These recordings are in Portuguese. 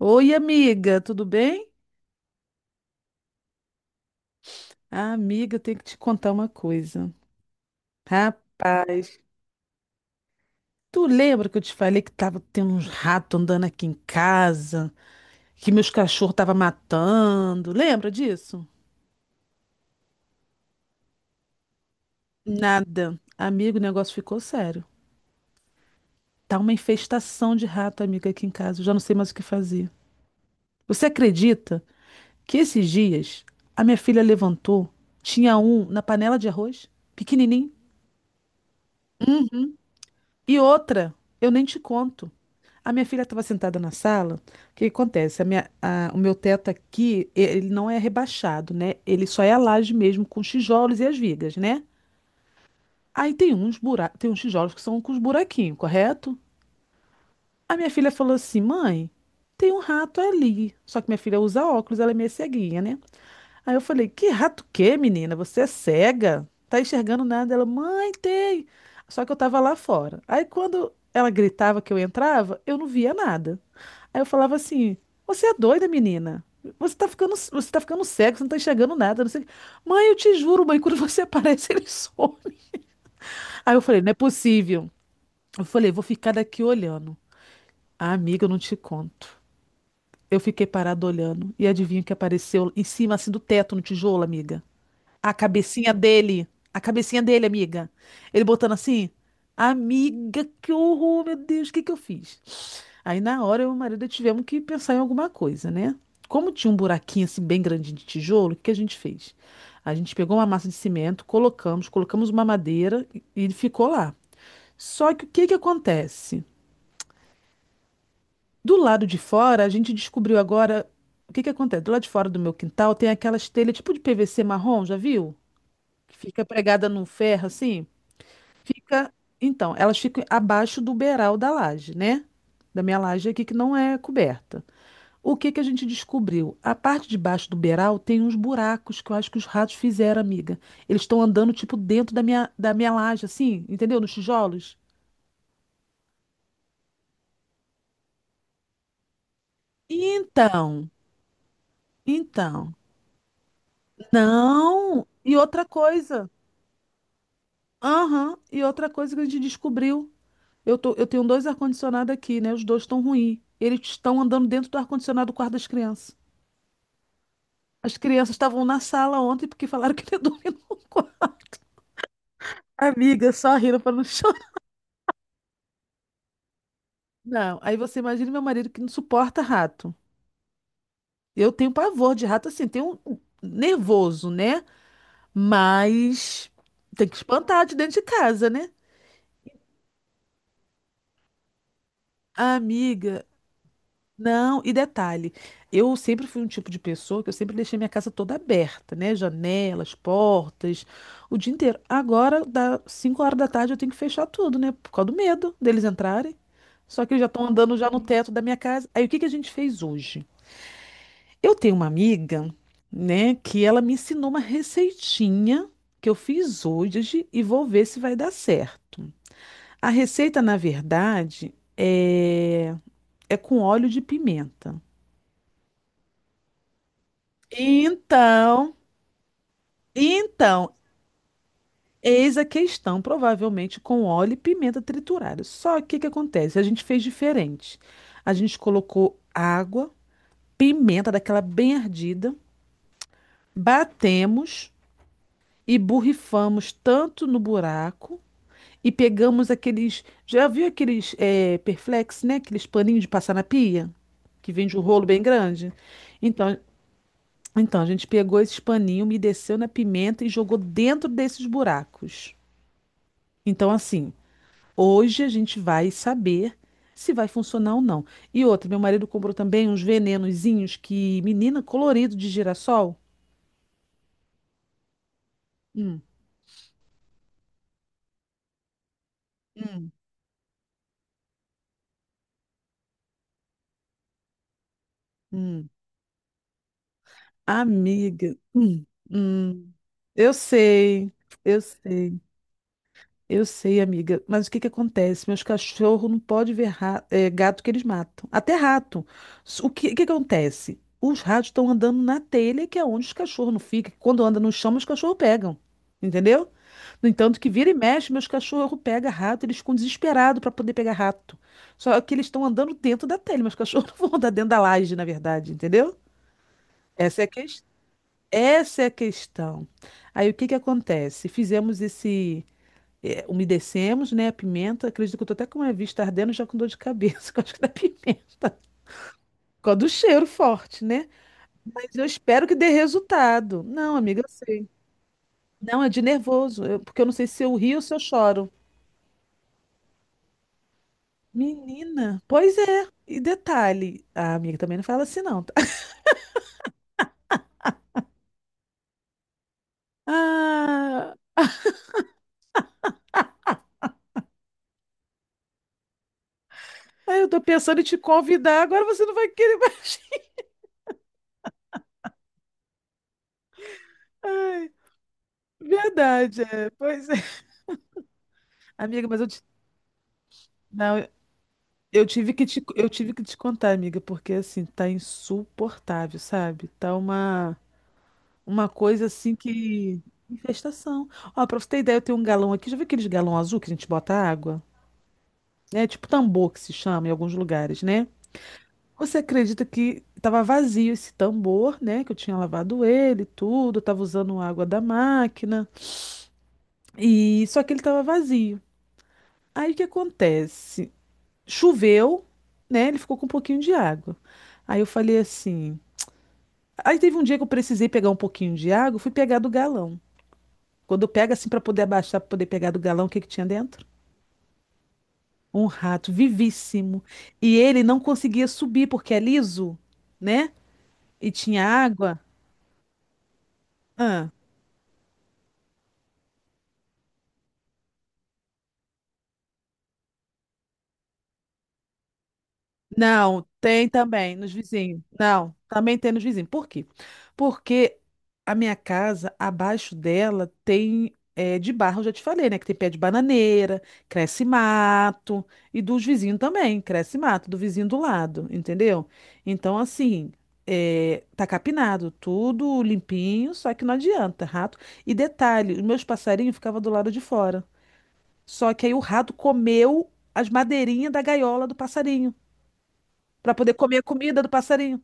Oi, amiga, tudo bem? Ah, amiga, eu tenho que te contar uma coisa. Rapaz, tu lembra que eu te falei que tava tendo uns ratos andando aqui em casa, que meus cachorros tava matando? Lembra disso? Nada. Amigo, o negócio ficou sério. Tá uma infestação de rato, amiga, aqui em casa. Eu já não sei mais o que fazer. Você acredita que esses dias a minha filha levantou, tinha um na panela de arroz, pequenininho? E outra, eu nem te conto. A minha filha estava sentada na sala. O que que acontece? O meu teto aqui, ele não é rebaixado, né? Ele só é a laje mesmo com os tijolos e as vigas, né? Aí tem uns tijolos que são com os buraquinhos, correto? A minha filha falou assim: "Mãe, tem um rato ali". Só que minha filha usa óculos, ela é meio ceguinha, né? Aí eu falei, que rato que, menina? Você é cega? Tá enxergando nada? Ela, mãe, tem. Só que eu tava lá fora. Aí quando ela gritava que eu entrava, eu não via nada. Aí eu falava assim, você é doida, menina? Você tá ficando cego, você não tá enxergando nada, não sei. O quê." Mãe, eu te juro, mãe, quando você aparece, ele some. Aí eu falei, não é possível. Eu falei, vou ficar daqui olhando. Ah, amiga, eu não te conto. Eu fiquei parada olhando. E adivinha o que apareceu em cima, assim, do teto, no tijolo, amiga? A cabecinha dele. A cabecinha dele, amiga. Ele botando assim. Amiga, que horror, meu Deus, o que que eu fiz? Aí na hora eu e o marido tivemos que pensar em alguma coisa, né? Como tinha um buraquinho assim bem grande de tijolo, o que que a gente fez? A gente pegou uma massa de cimento, colocamos uma madeira e ele ficou lá. Só que o que que acontece? Do lado de fora, a gente descobriu agora o que que acontece. Do lado de fora do meu quintal tem aquelas telhas tipo de PVC marrom, já viu? Que fica pregada num ferro assim. Fica, então, elas ficam abaixo do beiral da laje, né? Da minha laje aqui que não é coberta. O que que a gente descobriu? A parte de baixo do beiral tem uns buracos que eu acho que os ratos fizeram, amiga. Eles estão andando tipo dentro da minha laje assim, entendeu? Nos tijolos. Então, então, não. E outra coisa, aham, e outra coisa que a gente descobriu, eu tenho dois ar-condicionado aqui, né? Os dois estão ruins. Eles estão andando dentro do ar-condicionado do quarto das crianças. As crianças estavam na sala ontem porque falaram que ele dormia no quarto. Amiga, só rindo para não chorar. Não, aí você imagina meu marido que não suporta rato. Eu tenho pavor de rato, assim, tenho um nervoso, né? Mas tem que espantar de dentro de casa, né? Amiga, não, e detalhe, eu sempre fui um tipo de pessoa que eu sempre deixei minha casa toda aberta, né? Janelas, portas, o dia inteiro. Agora, dá 5 horas da tarde, eu tenho que fechar tudo, né? Por causa do medo deles entrarem. Só que eles já estão andando já no teto da minha casa. Aí, o que que a gente fez hoje? Eu tenho uma amiga, né, que ela me ensinou uma receitinha que eu fiz hoje e vou ver se vai dar certo. A receita, na verdade, é, é com óleo de pimenta. Então, então, eis a questão, provavelmente com óleo e pimenta triturada. Só que o que que acontece? A gente fez diferente. A gente colocou água, pimenta daquela bem ardida, batemos e borrifamos tanto no buraco e pegamos aqueles, já viu aqueles Perflex, né? Aqueles paninhos de passar na pia, que vende um rolo bem grande. Então, então, a gente pegou esses paninhos, umedeceu na pimenta e jogou dentro desses buracos. Então, assim, hoje a gente vai saber se vai funcionar ou não. E outra, meu marido comprou também uns venenozinhos que, menina, colorido de girassol. Hum, hum, hum. Amiga, hum. Eu sei, eu sei, eu sei, amiga. Mas o que que acontece? Meus cachorros não podem ver gato que eles matam. Até rato. O que que acontece? Os ratos estão andando na telha, que é onde os cachorros não ficam. Quando anda no chão, os cachorros pegam. Entendeu? No entanto, que vira e mexe, meus cachorros pegam rato, eles ficam desesperados para poder pegar rato. Só que eles estão andando dentro da telha, Meus cachorros não vão andar dentro da laje, na verdade, entendeu? Essa é a ques- Essa é a questão. Aí o que que acontece? Fizemos esse. Umedecemos, né? A pimenta. Acredito que eu tô até com a vista ardendo, já com dor de cabeça, que eu acho que da pimenta. Por causa do cheiro forte, né? Mas eu espero que dê resultado. Não, amiga, eu sei. Não, é de nervoso, eu- porque eu não sei se eu rio ou se eu choro. Menina, pois é. E detalhe, a amiga também não fala assim, não. tá? Ah, eu tô pensando em te convidar, agora você não vai querer mais. Ai, verdade, é. Pois é. Amiga, mas não, eu tive que te contar, amiga, porque assim, tá insuportável, sabe? Tá uma coisa assim que infestação. Ó, pra você ter ideia, eu tenho um galão aqui, já viu aqueles galão azul que a gente bota água? É tipo tambor que se chama em alguns lugares, né? Você acredita que estava vazio esse tambor, né? Que eu tinha lavado ele, tudo, estava usando água da máquina e só que ele estava vazio. Aí o que acontece? Choveu, né? Ele ficou com um pouquinho de água. Aí eu falei assim. Aí teve um dia que eu precisei pegar um pouquinho de água, eu fui pegar do galão. Quando eu pego assim para poder abaixar, para poder pegar do galão, o que que tinha dentro? Um rato vivíssimo. E ele não conseguia subir porque é liso, né? E tinha água. Ah. Não, tem também nos vizinhos. Não, também tem nos vizinhos. Por quê? Porque a minha casa, abaixo dela, tem de barro, eu já te falei, né? Que tem pé de bananeira, cresce mato, e dos vizinhos também, cresce mato, do vizinho do lado, entendeu? Então, assim, tá capinado, tudo limpinho, só que não adianta, rato. E detalhe, os meus passarinhos ficavam do lado de fora. Só que aí o rato comeu as madeirinhas da gaiola do passarinho para poder comer a comida do passarinho.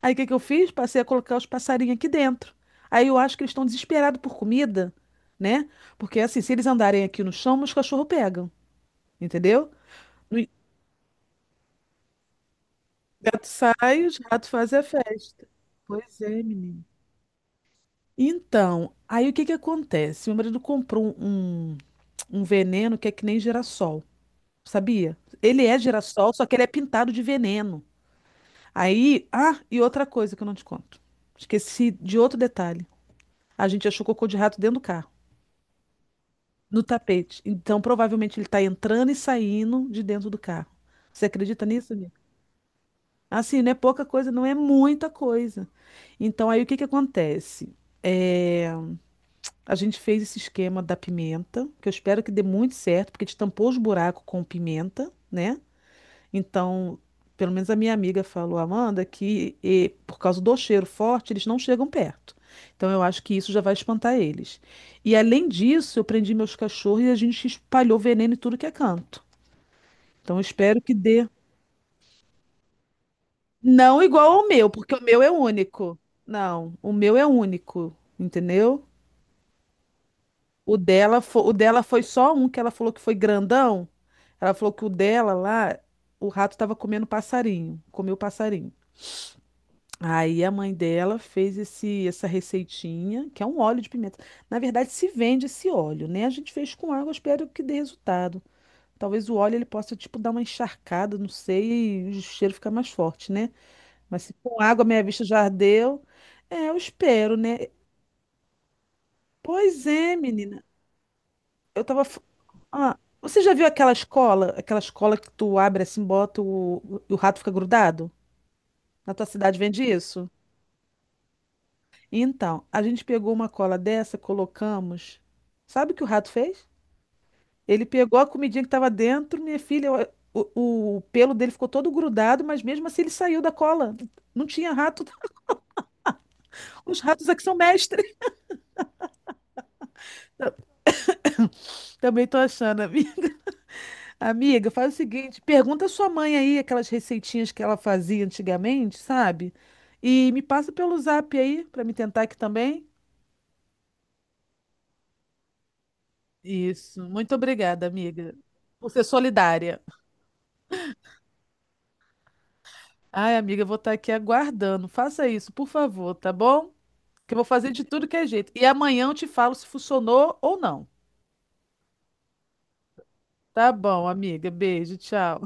Aí o que que eu fiz? Passei a colocar os passarinhos aqui dentro. Aí eu acho que eles estão desesperados por comida, né? Porque assim, se eles andarem aqui no chão, os cachorros pegam, entendeu? O gato sai, os gatos fazem a festa. Pois é, menino. Então, aí o que que acontece? Meu marido comprou um veneno que é que nem girassol, sabia? Ele é girassol, só que ele é pintado de veneno. Aí, ah, e outra coisa que eu não te conto. Esqueci de outro detalhe. A gente achou cocô de rato dentro do carro, no tapete. Então, provavelmente ele está entrando e saindo de dentro do carro. Você acredita nisso, amiga? Assim, não é pouca coisa, não é muita coisa. Então, aí o que que acontece? É, a gente fez esse esquema da pimenta, que eu espero que dê muito certo, porque a gente tampou os buracos com pimenta, né? Então, pelo menos a minha amiga falou, Amanda, que por causa do cheiro forte, eles não chegam perto. Então, eu acho que isso já vai espantar eles. E além disso, eu prendi meus cachorros e a gente espalhou veneno em tudo que é canto. Então, eu espero que dê. Não igual ao meu, porque o meu é único. Não, o meu é único, entendeu? O dela, o dela foi só um que ela falou que foi grandão. Ela falou que o dela lá, o rato estava comendo passarinho, comeu passarinho. Aí a mãe dela fez essa receitinha, que é um óleo de pimenta. Na verdade, se vende esse óleo, né? A gente fez com água, espero que dê resultado. Talvez o óleo ele possa, tipo, dar uma encharcada, não sei, e o cheiro ficar mais forte, né? Mas se com água minha vista já ardeu, é, eu espero, né? Pois é, menina. Eu tava. Você já viu aquela escola? Aquela escola que tu abre assim, bota o, e o rato fica grudado? Na tua cidade vende isso? Então, a gente pegou uma cola dessa, colocamos. Sabe o que o rato fez? Ele pegou a comidinha que estava dentro, minha filha, o pelo dele ficou todo grudado, mas mesmo assim ele saiu da cola. Não tinha rato. Os ratos aqui são mestres. Também tô achando, amiga. Amiga, faz o seguinte, pergunta à sua mãe aí aquelas receitinhas que ela fazia antigamente, sabe? E me passa pelo zap aí para me tentar aqui também. Isso. Muito obrigada, amiga, por ser solidária. Ai, amiga, eu vou estar aqui aguardando. Faça isso, por favor, tá bom? Que eu vou fazer de tudo que é jeito. E amanhã eu te falo se funcionou ou não. Tá bom, amiga. Beijo, tchau.